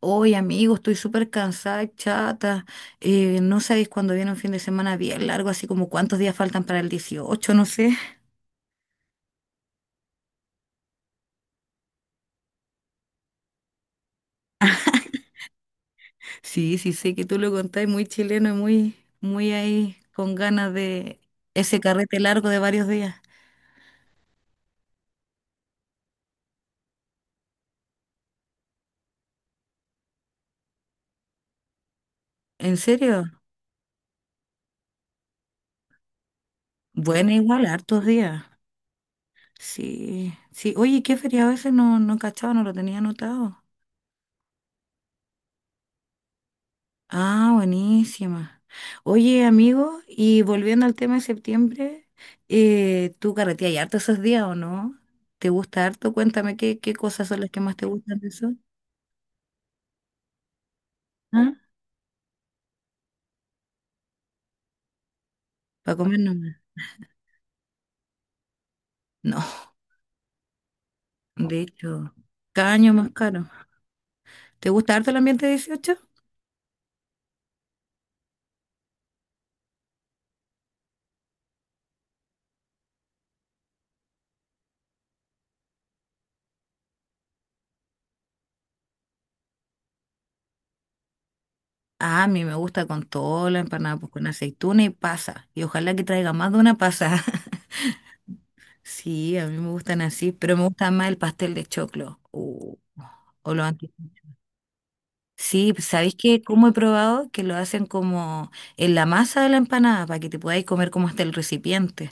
Oye, amigo, estoy súper cansada, y chata. No sabéis cuándo viene un fin de semana bien largo, así como cuántos días faltan para el 18, no sé. Sí, sí, sé que tú lo contáis muy chileno y muy ahí con ganas de ese carrete largo de varios días. ¿En serio? Bueno, igual, hartos días. Sí, sí. Oye, ¿qué feriado ese? No, no cachaba, no lo tenía anotado. Ah, buenísima. Oye, amigo, y volviendo al tema de septiembre, ¿tú carreteas harto esos días o no? ¿Te gusta harto? Cuéntame qué cosas son las que más te gustan de eso. ¿Ah? ¿Para comer nomás? No, de hecho, cada año más caro. ¿Te gusta harto el ambiente 18? Ah, a mí me gusta con todo, la empanada, pues con aceituna y pasa. Y ojalá que traiga más de una pasa. Sí, a mí me gustan así, pero me gusta más el pastel de choclo. O lo antiguo. Sí, pues, ¿sabéis que cómo he probado? Que lo hacen como en la masa de la empanada para que te podáis comer como hasta el recipiente.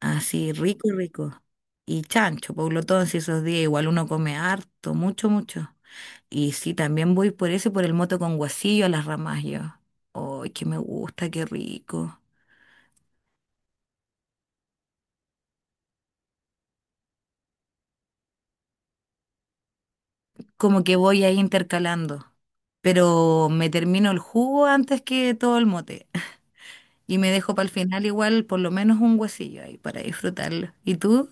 Así, rico, rico. Y chancho, Pablo todo si esos días igual uno come harto, mucho, mucho. Y sí, también voy por eso, por el moto con guasillo a las ramas yo. ¡Ay, que me gusta, qué rico! Como que voy ahí intercalando. Pero me termino el jugo antes que todo el mote. Y me dejo para el final igual por lo menos un guasillo ahí para disfrutarlo. ¿Y tú?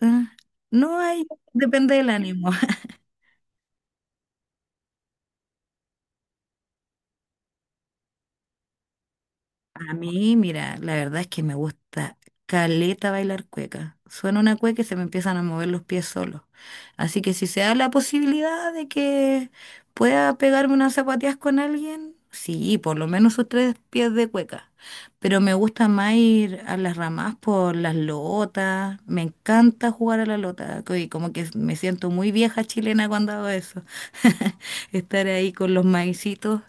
Ah, no hay, depende del ánimo. A mí, mira, la verdad es que me gusta caleta bailar cueca. Suena una cueca y se me empiezan a mover los pies solos. Así que si se da la posibilidad de que pueda pegarme unas zapatillas con alguien, sí, por lo menos sus tres pies de cueca. Pero me gusta más ir a las ramas por las lotas. Me encanta jugar a la lota. Y como que me siento muy vieja chilena cuando hago eso. Estar ahí con los maicitos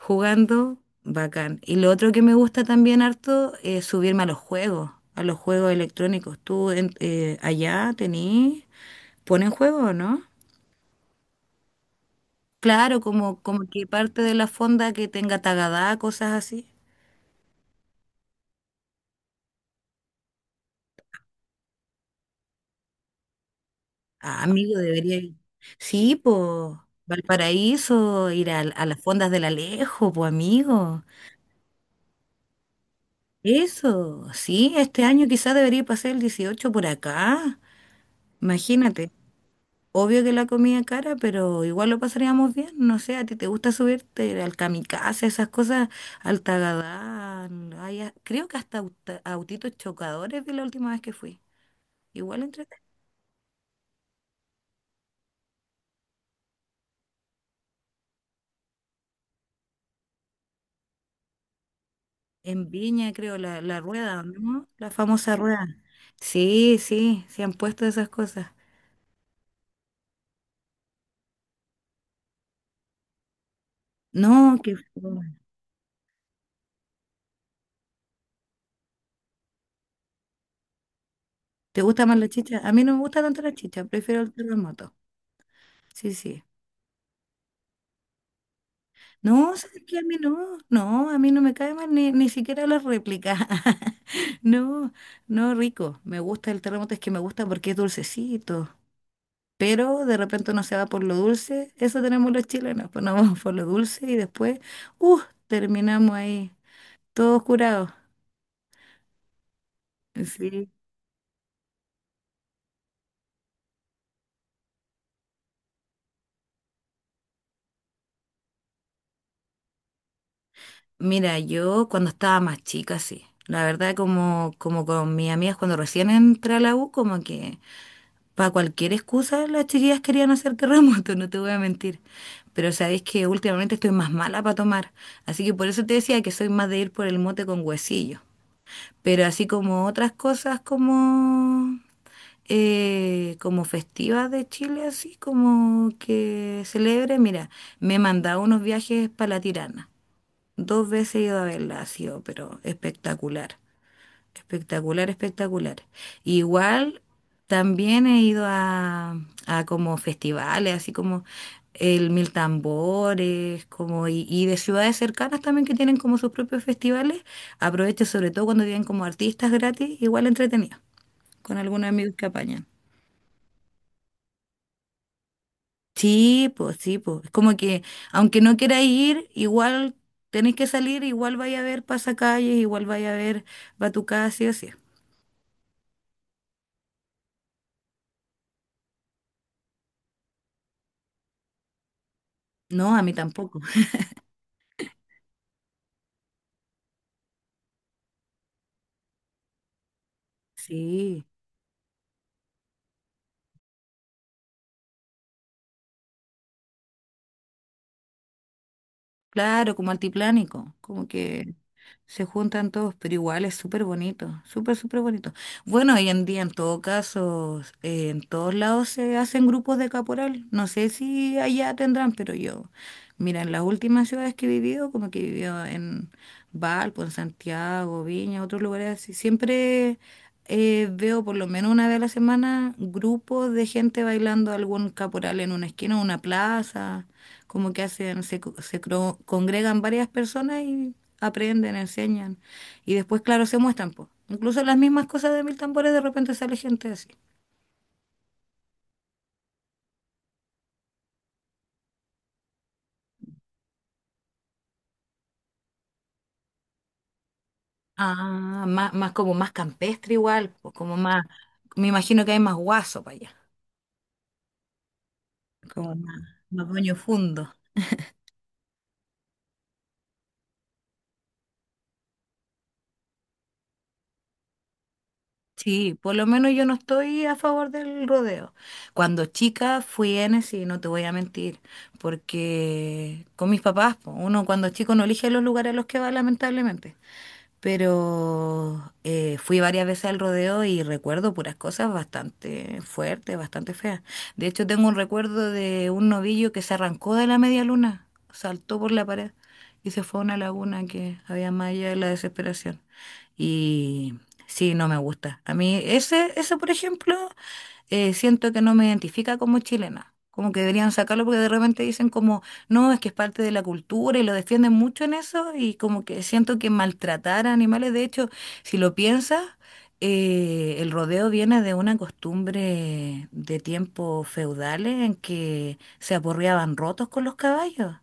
jugando, bacán. Y lo otro que me gusta también harto es subirme a los juegos electrónicos. ¿ Allá tenés, ¿ponen juegos o no? Claro, como, como que parte de la fonda que tenga Tagadá, cosas así. Ah, amigo, debería ir. Sí, pues, Valparaíso, las fondas del Alejo, pues, amigo. Eso, sí, este año quizás debería pasar el 18 por acá. Imagínate. Obvio que la comida cara, pero igual lo pasaríamos bien. No sé, ¿a ti te gusta subirte al kamikaze, esas cosas, al Tagadán? Creo que hasta autitos chocadores de la última vez que fui. Igual entre... En Viña, creo, la rueda, ¿no? La famosa rueda. Sí, sí, se han puesto esas cosas. No, que... ¿Te gusta más la chicha? A mí no me gusta tanto la chicha, prefiero el terremoto. Sí, sí. No, ¿sabes qué? A mí no, no, a mí no me cae mal ni siquiera la réplica. No, no, rico. Me gusta el terremoto, es que me gusta porque es dulcecito. Pero de repente uno se va por lo dulce, eso tenemos los chilenos, pues nos vamos por lo dulce y después, uh, terminamos ahí, todos curados. Sí. Mira, yo cuando estaba más chica, sí. La verdad, como con mis amigas cuando recién entré a la U, como que para cualquier excusa, las chiquillas querían hacer terremoto, no te voy a mentir. Pero sabéis que últimamente estoy más mala para tomar. Así que por eso te decía que soy más de ir por el mote con huesillo. Pero así como otras cosas como, como festivas de Chile, así como que celebre, mira, me he mandado unos viajes para la Tirana. Dos veces he ido a verla, ha sido, pero espectacular. Espectacular, espectacular. Igual también he ido a como festivales, así como el Mil Tambores, como y de ciudades cercanas también que tienen como sus propios festivales. Aprovecho sobre todo cuando vienen como artistas gratis, igual entretenido, con algunos amigos que apañan. Sí, pues sí, pues. Es como que aunque no queráis ir, igual tenéis que salir, igual vaya a ver pasacalles, igual vaya a ver Batucada, sí o sí. No, a mí tampoco. Sí. Claro, como altiplánico, como que se juntan todos, pero igual es súper bonito, súper, súper bonito. Bueno, hoy en día en todo caso, en todos lados se hacen grupos de caporal. No sé si allá tendrán, pero yo mira, en las últimas ciudades que he vivido, como que he vivido en Valpo, en Santiago, Viña, otros lugares así, siempre veo por lo menos una vez a la semana grupos de gente bailando algún caporal en una esquina, o una plaza, como que hacen, se, congregan varias personas y aprenden, enseñan. Y después, claro, se muestran, pues. Incluso las mismas cosas de Mil Tambores, de repente sale gente así. Ah, más, más como más campestre igual, pues, como más, me imagino que hay más guaso para allá. Como más, más baño fundo. Sí, por lo menos yo no estoy a favor del rodeo. Cuando chica fui N, y no te voy a mentir, porque con mis papás, po, uno cuando es chico no elige los lugares a los que va, lamentablemente. Pero fui varias veces al rodeo y recuerdo puras cosas bastante fuertes, bastante feas. De hecho, tengo un recuerdo de un novillo que se arrancó de la media luna, saltó por la pared y se fue a una laguna que había más allá de la desesperación. Y sí, no me gusta. A mí ese, ese por ejemplo, siento que no me identifica como chilena. Como que deberían sacarlo porque de repente dicen como, no, es que es parte de la cultura y lo defienden mucho en eso y como que siento que maltratar a animales, de hecho, si lo piensas, el rodeo viene de una costumbre de tiempos feudales en que se aporreaban rotos con los caballos,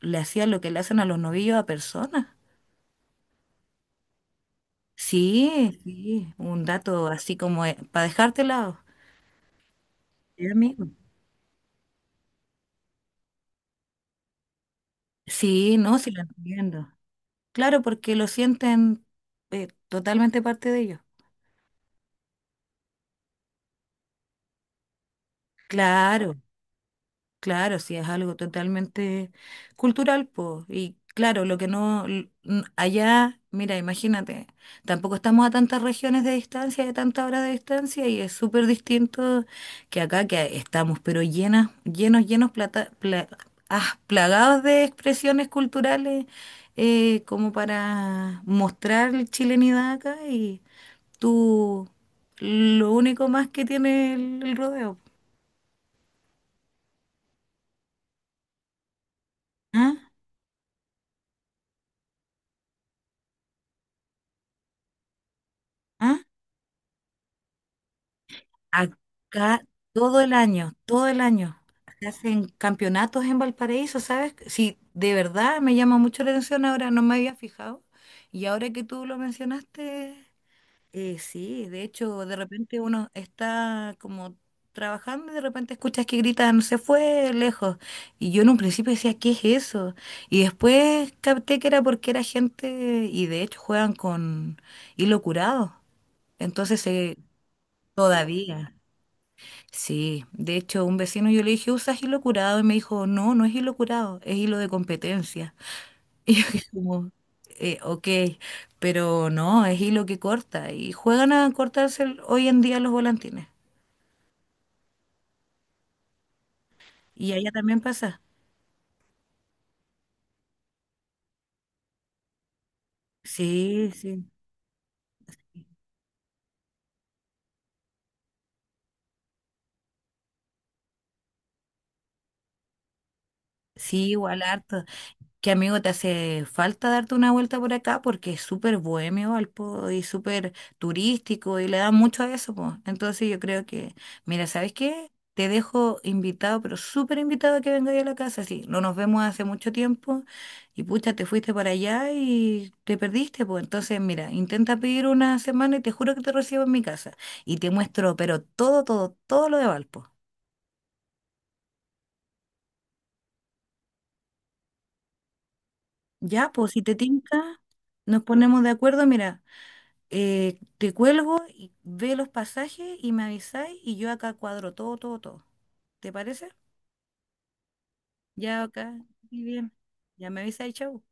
le hacían lo que le hacen a los novillos a personas. Sí, sí, un dato así como para dejarte lado. Sí, amigo. Sí, no, sí lo entiendo. Claro, porque lo sienten totalmente parte de ellos. Claro, claro, sí, es algo totalmente cultural, pues. Y claro, lo que no, allá, mira, imagínate, tampoco estamos a tantas regiones de distancia, de tantas horas de distancia, y es súper distinto que acá, que estamos, pero llenas, llenos, llenos, plata, plagados de expresiones culturales, como para mostrar la chilenidad acá, y tú, lo único más que tiene el rodeo. ¿Ah? ¿Ah? Acá todo el año, todo el año. Se hacen campeonatos en Valparaíso, ¿sabes? Sí, de verdad me llama mucho la atención ahora, no me había fijado. Y ahora que tú lo mencionaste, sí, de hecho, de repente uno está como trabajando y de repente escuchas que gritan, se fue lejos. Y yo en un principio decía, ¿qué es eso? Y después capté que era porque era gente, y de hecho juegan con hilo curado. Entonces, todavía. Sí, de hecho, un vecino yo le dije, ¿usas hilo curado? Y me dijo, no, no es hilo curado, es hilo de competencia. Y yo dije como, ok, pero no, es hilo que corta. Y juegan a cortarse hoy en día los volantines. Y allá también pasa. Sí, sí. Sí, igual harto. Que amigo, te hace falta darte una vuelta por acá porque es súper bohemio Valpo y súper turístico y le da mucho a eso, pues. Entonces yo creo que, mira, ¿sabes qué? Te dejo invitado, pero súper invitado a que vengáis a la casa, sí. No nos vemos hace mucho tiempo y pucha, te fuiste para allá y te perdiste, pues. Entonces, mira, intenta pedir una semana y te juro que te recibo en mi casa y te muestro, pero todo, todo, todo lo de Valpo. Ya, pues si te tinca, nos ponemos de acuerdo, mira. Te cuelgo y ve los pasajes y me avisáis y yo acá cuadro todo, todo, todo. ¿Te parece? Ya acá, muy bien. Ya me avisáis, chau.